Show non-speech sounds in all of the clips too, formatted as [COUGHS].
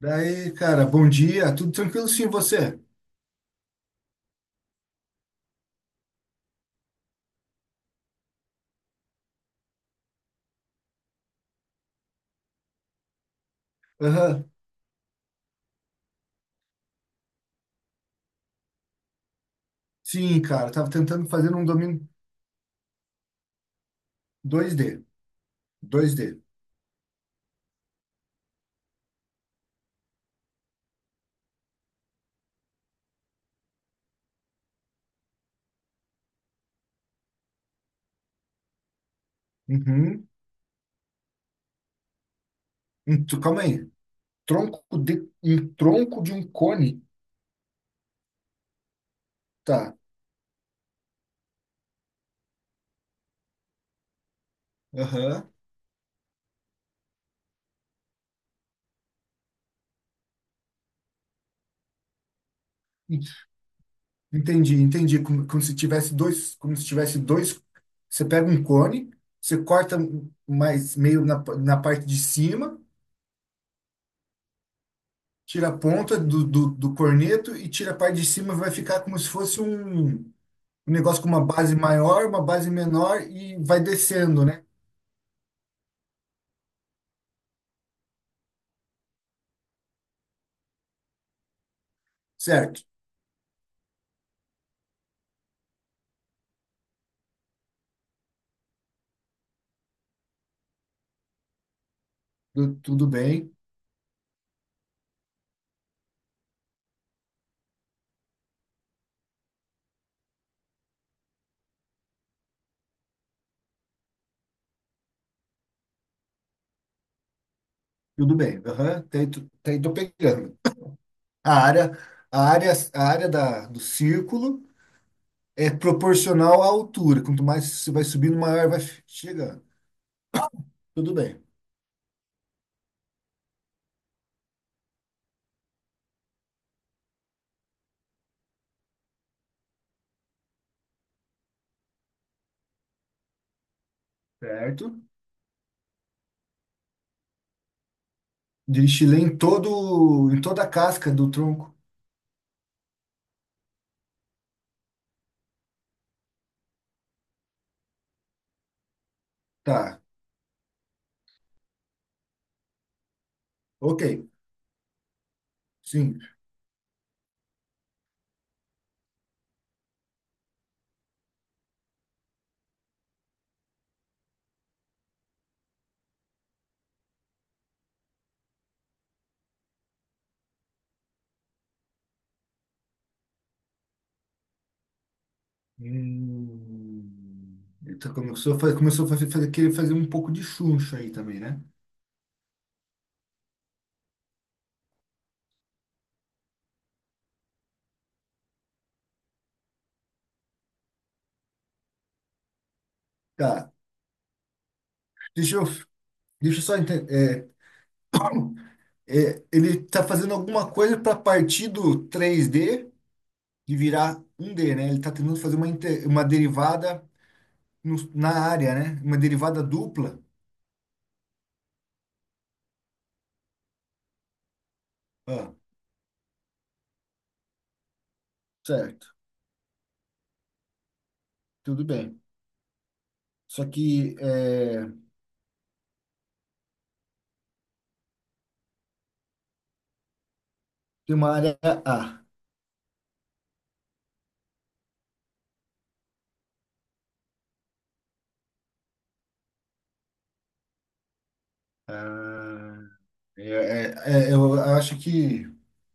Daí, cara, bom dia, tudo tranquilo sim, você? Aham. Sim, cara, tava tentando fazer um domínio dois d dois d. Uhum. Calma aí, um tronco de um cone. Tá. Aham. Entendi, entendi, como se tivesse dois. Você pega um cone, você corta um, mais meio na parte de cima, tira a ponta do corneto e tira a parte de cima, vai ficar como se fosse um. Um negócio com uma base maior, uma base menor e vai descendo, né? Certo. Tudo bem, tudo bem. Aham. Tem, tô pegando. A área, a área do círculo é proporcional à altura. Quanto mais você vai subindo, maior chegando. Tudo bem. Certo. Destilei em toda a casca do tronco. Tá. Ok. Sim. Hum, então começou a querer fazer um pouco de chuncho aí também, né? Tá. Deixa eu, Deixa eu só entender. Ele está fazendo alguma coisa para partir do três d e virar um d, né? Ele está tentando fazer uma derivada na área, né? Uma derivada dupla. Ah, certo. Tudo bem. Só que é, tem uma área A. Ah, é- eu acho que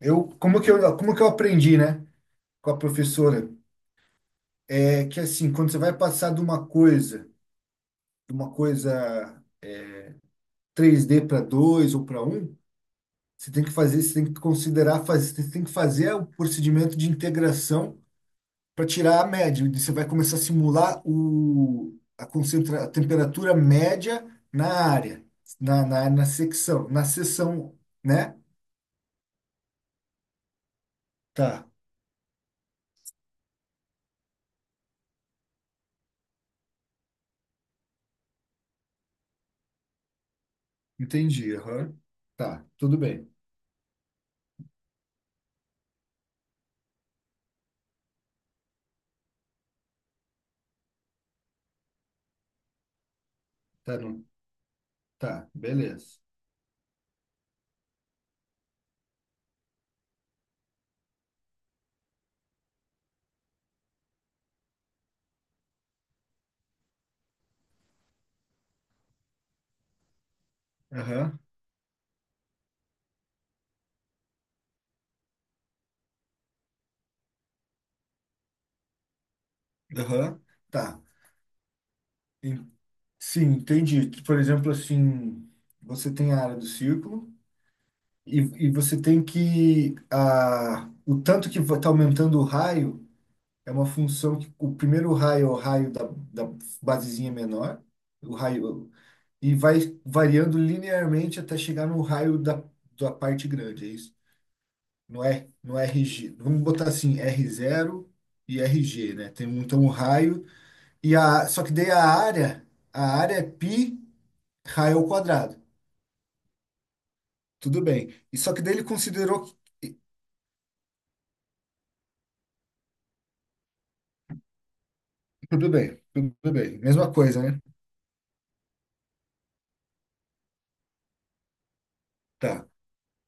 como que eu aprendi, né? Com a professora. É que assim, quando você vai passar de uma coisa 3D para dois ou para um, você tem que você tem que você tem que fazer o procedimento de integração para tirar a média. E você vai começar a simular a temperatura média na área, na na seção, né? Tá, entendi. Aham. Tá, tudo bem. Tá, não, tá, beleza. Aham, aham, tá. En- Sim, entendi. Por exemplo, assim, você tem a área do círculo. E, e você tem que. O tanto que está aumentando o raio é uma função que o primeiro raio é o raio da basezinha menor, o raio, e vai variando linearmente até chegar no raio da parte grande, é isso? No R, no RG. Vamos botar assim, r zero e RG, né? Então o raio. E a, só que daí a área é π raio ao quadrado. Tudo bem. E só que daí ele considerou. Tudo bem, tudo bem. Mesma coisa, né? Tá.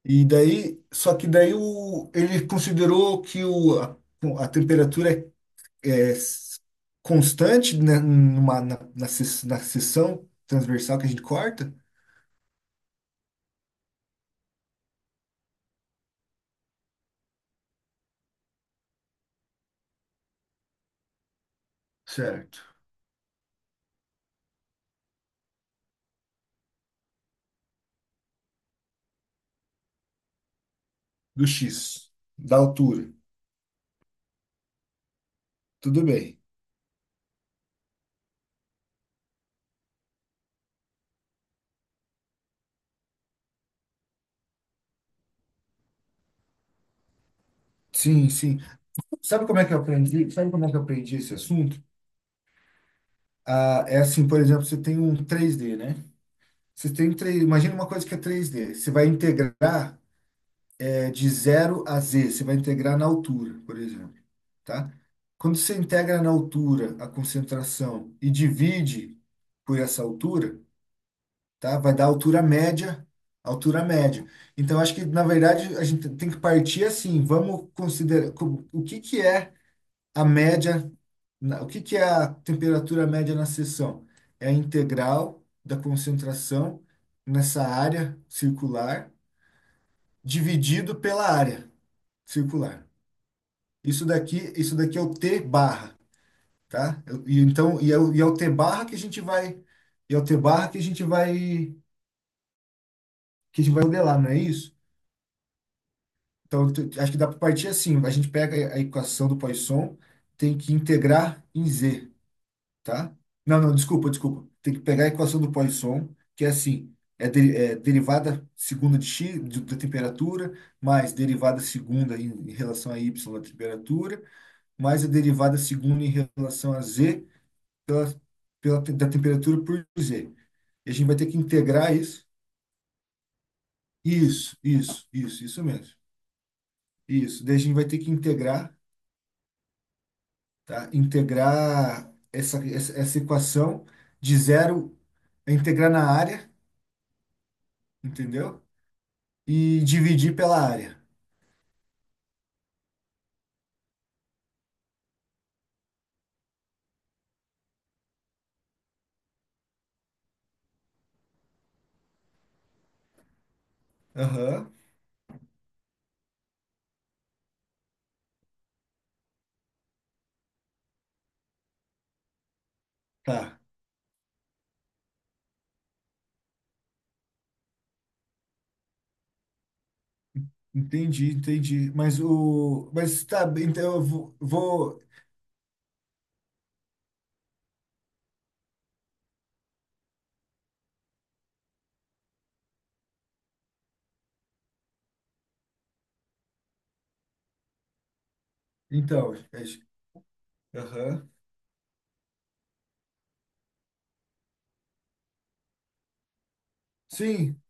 E daí, só que daí ele considerou a temperatura é s- constante na numa, na, na, ses- na seção transversal que a gente corta, certo? Do X, da altura. Tudo bem. Sim, sim. Sabe como é que eu aprendi? Sabe como é que eu aprendi esse assunto? Ah, é assim, por exemplo, você tem um três d, né? Você tem um 3, imagina uma coisa que é três d. Você vai integrar É de zero a Z, você vai integrar na altura, por exemplo, tá? Quando você integra na altura a concentração e divide por essa altura, tá? Vai dar altura média, altura média. Então, acho que, na verdade, a gente tem que partir assim. Vamos considerar o que que é a média, o que que é a temperatura média na seção? É a integral da concentração nessa área circular dividido pela área circular. Isso daqui é o T barra, tá? E então, e é o T barra que a gente vai, e é o T barra que a gente vai, que a gente vai modelar, não é isso? Então, acho que dá para partir assim. A gente pega a equação do Poisson, tem que integrar em Z, tá? Não, não, desculpa, desculpa. Tem que pegar a equação do Poisson, que é assim, é derivada segunda de x da temperatura, mais derivada segunda em relação a y da temperatura, mais a derivada segunda em relação a z pela, da temperatura por Z. E a gente vai ter que integrar isso. Isso mesmo. Isso. Daí a gente vai ter que integrar, tá? Integrar essa equação de zero, é integrar na área, entendeu? E dividir pela área. Aham, tá. Entendi, entendi. Mas o. Mas tá, bem, então eu vou. Então, isso. Aham. Sim,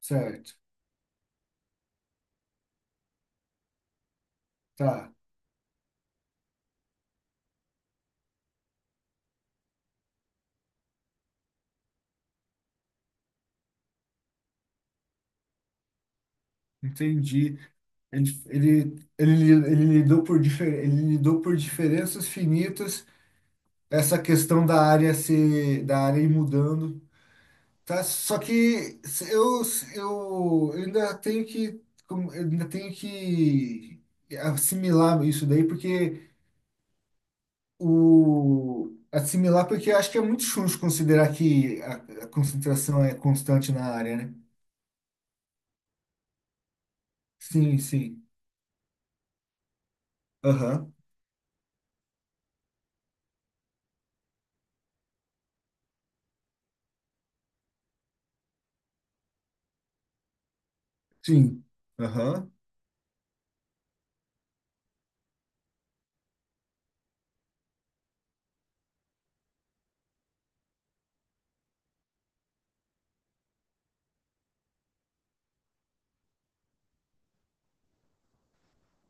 certo. Tá, entendi. Ele lidou ele lidou por diferenças finitas, essa questão da área ir mudando, tá? Só que eu ainda tenho que, eu ainda tenho que assimilar isso daí, porque assimilar, porque eu acho que é muito chuncho considerar que a concentração é constante na área, né? Sim, sim. Aham. Sim. Aham.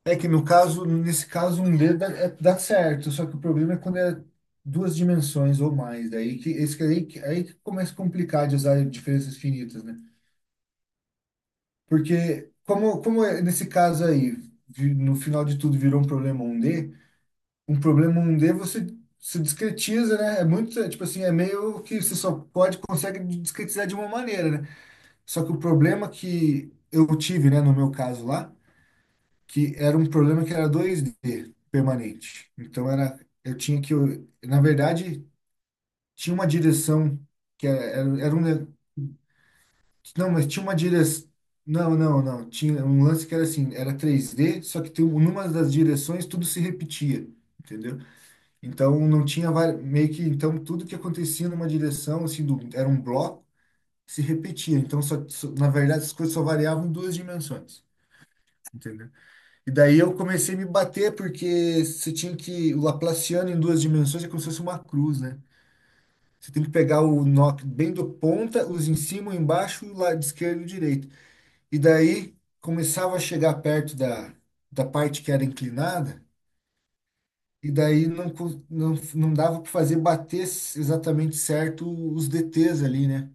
É que no caso, nesse caso, dá certo, só que o problema é quando é duas dimensões ou mais, daí que esse que é aí, é aí que começa a complicar de usar diferenças finitas, né? Porque como é nesse caso aí, no final de tudo virou um problema um d, você se discretiza, né? Tipo assim, é meio que você só pode consegue discretizar de uma maneira, né? Só que o problema que eu tive, né, no meu caso lá, que era um problema que era 2D permanente. Então era, eu tinha que, eu, na verdade, tinha uma direção que era não, mas tinha uma direção. Não, não, não, tinha um lance que era assim, era 3D, só que tem, numa das direções tudo se repetia, entendeu? Então não tinha meio que, então tudo que acontecia numa direção, assim, era um bloco, se repetia. Então só, na verdade as coisas só variavam em duas dimensões, entendeu? E daí eu comecei a me bater, porque você tinha que. O Laplaciano em duas dimensões é como se fosse uma cruz, né? Você tem que pegar o nó bem do ponta, os em cima, o embaixo, o lado esquerdo e o direito. E daí começava a chegar perto da parte que era inclinada, e daí não, não, não dava para fazer bater exatamente certo os DTs ali, né?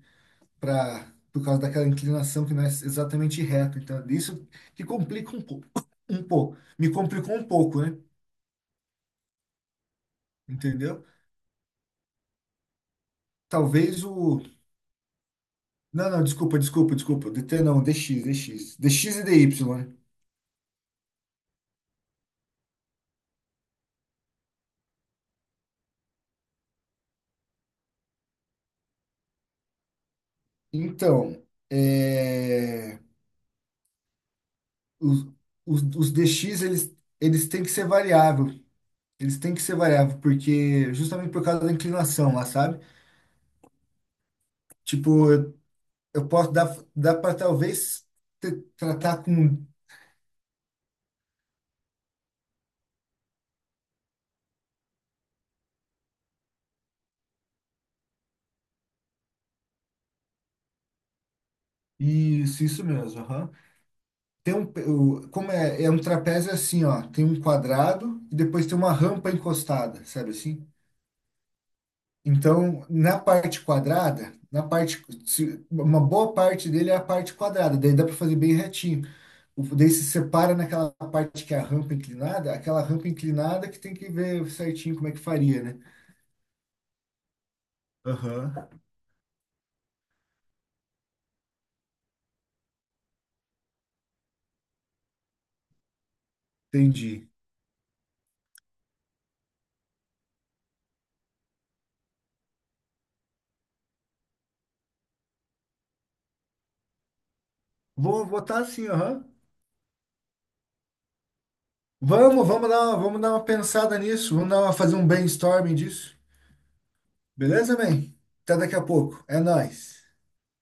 Por causa daquela inclinação que não é exatamente reta. Então, isso que complica um pouco. [COUGHS] Um pouco. Me complicou um pouco, né? Entendeu? Talvez o. Não, não, desculpa, desculpa, desculpa. DT não, DX DX e DY, né? Então, é, os, os DX, eles têm que ser variável. Eles têm que ser variável, porque justamente por causa da inclinação lá, sabe? Tipo, eu posso dar, dá para talvez tratar com. Isso mesmo. Aham. Tem como é um trapézio assim, ó. Tem um quadrado e depois tem uma rampa encostada, sabe assim? Então, na parte quadrada, na parte, se- uma boa parte dele é a parte quadrada, daí dá para fazer bem retinho. O, daí se separa naquela parte que é a rampa inclinada, aquela rampa inclinada que tem que ver certinho como é que faria, né? Aham, entendi. Vou botar assim, aham. Vamos dar uma, vamos dar uma pensada nisso, fazer um brainstorming disso. Beleza, man? Até daqui a pouco. É nóis.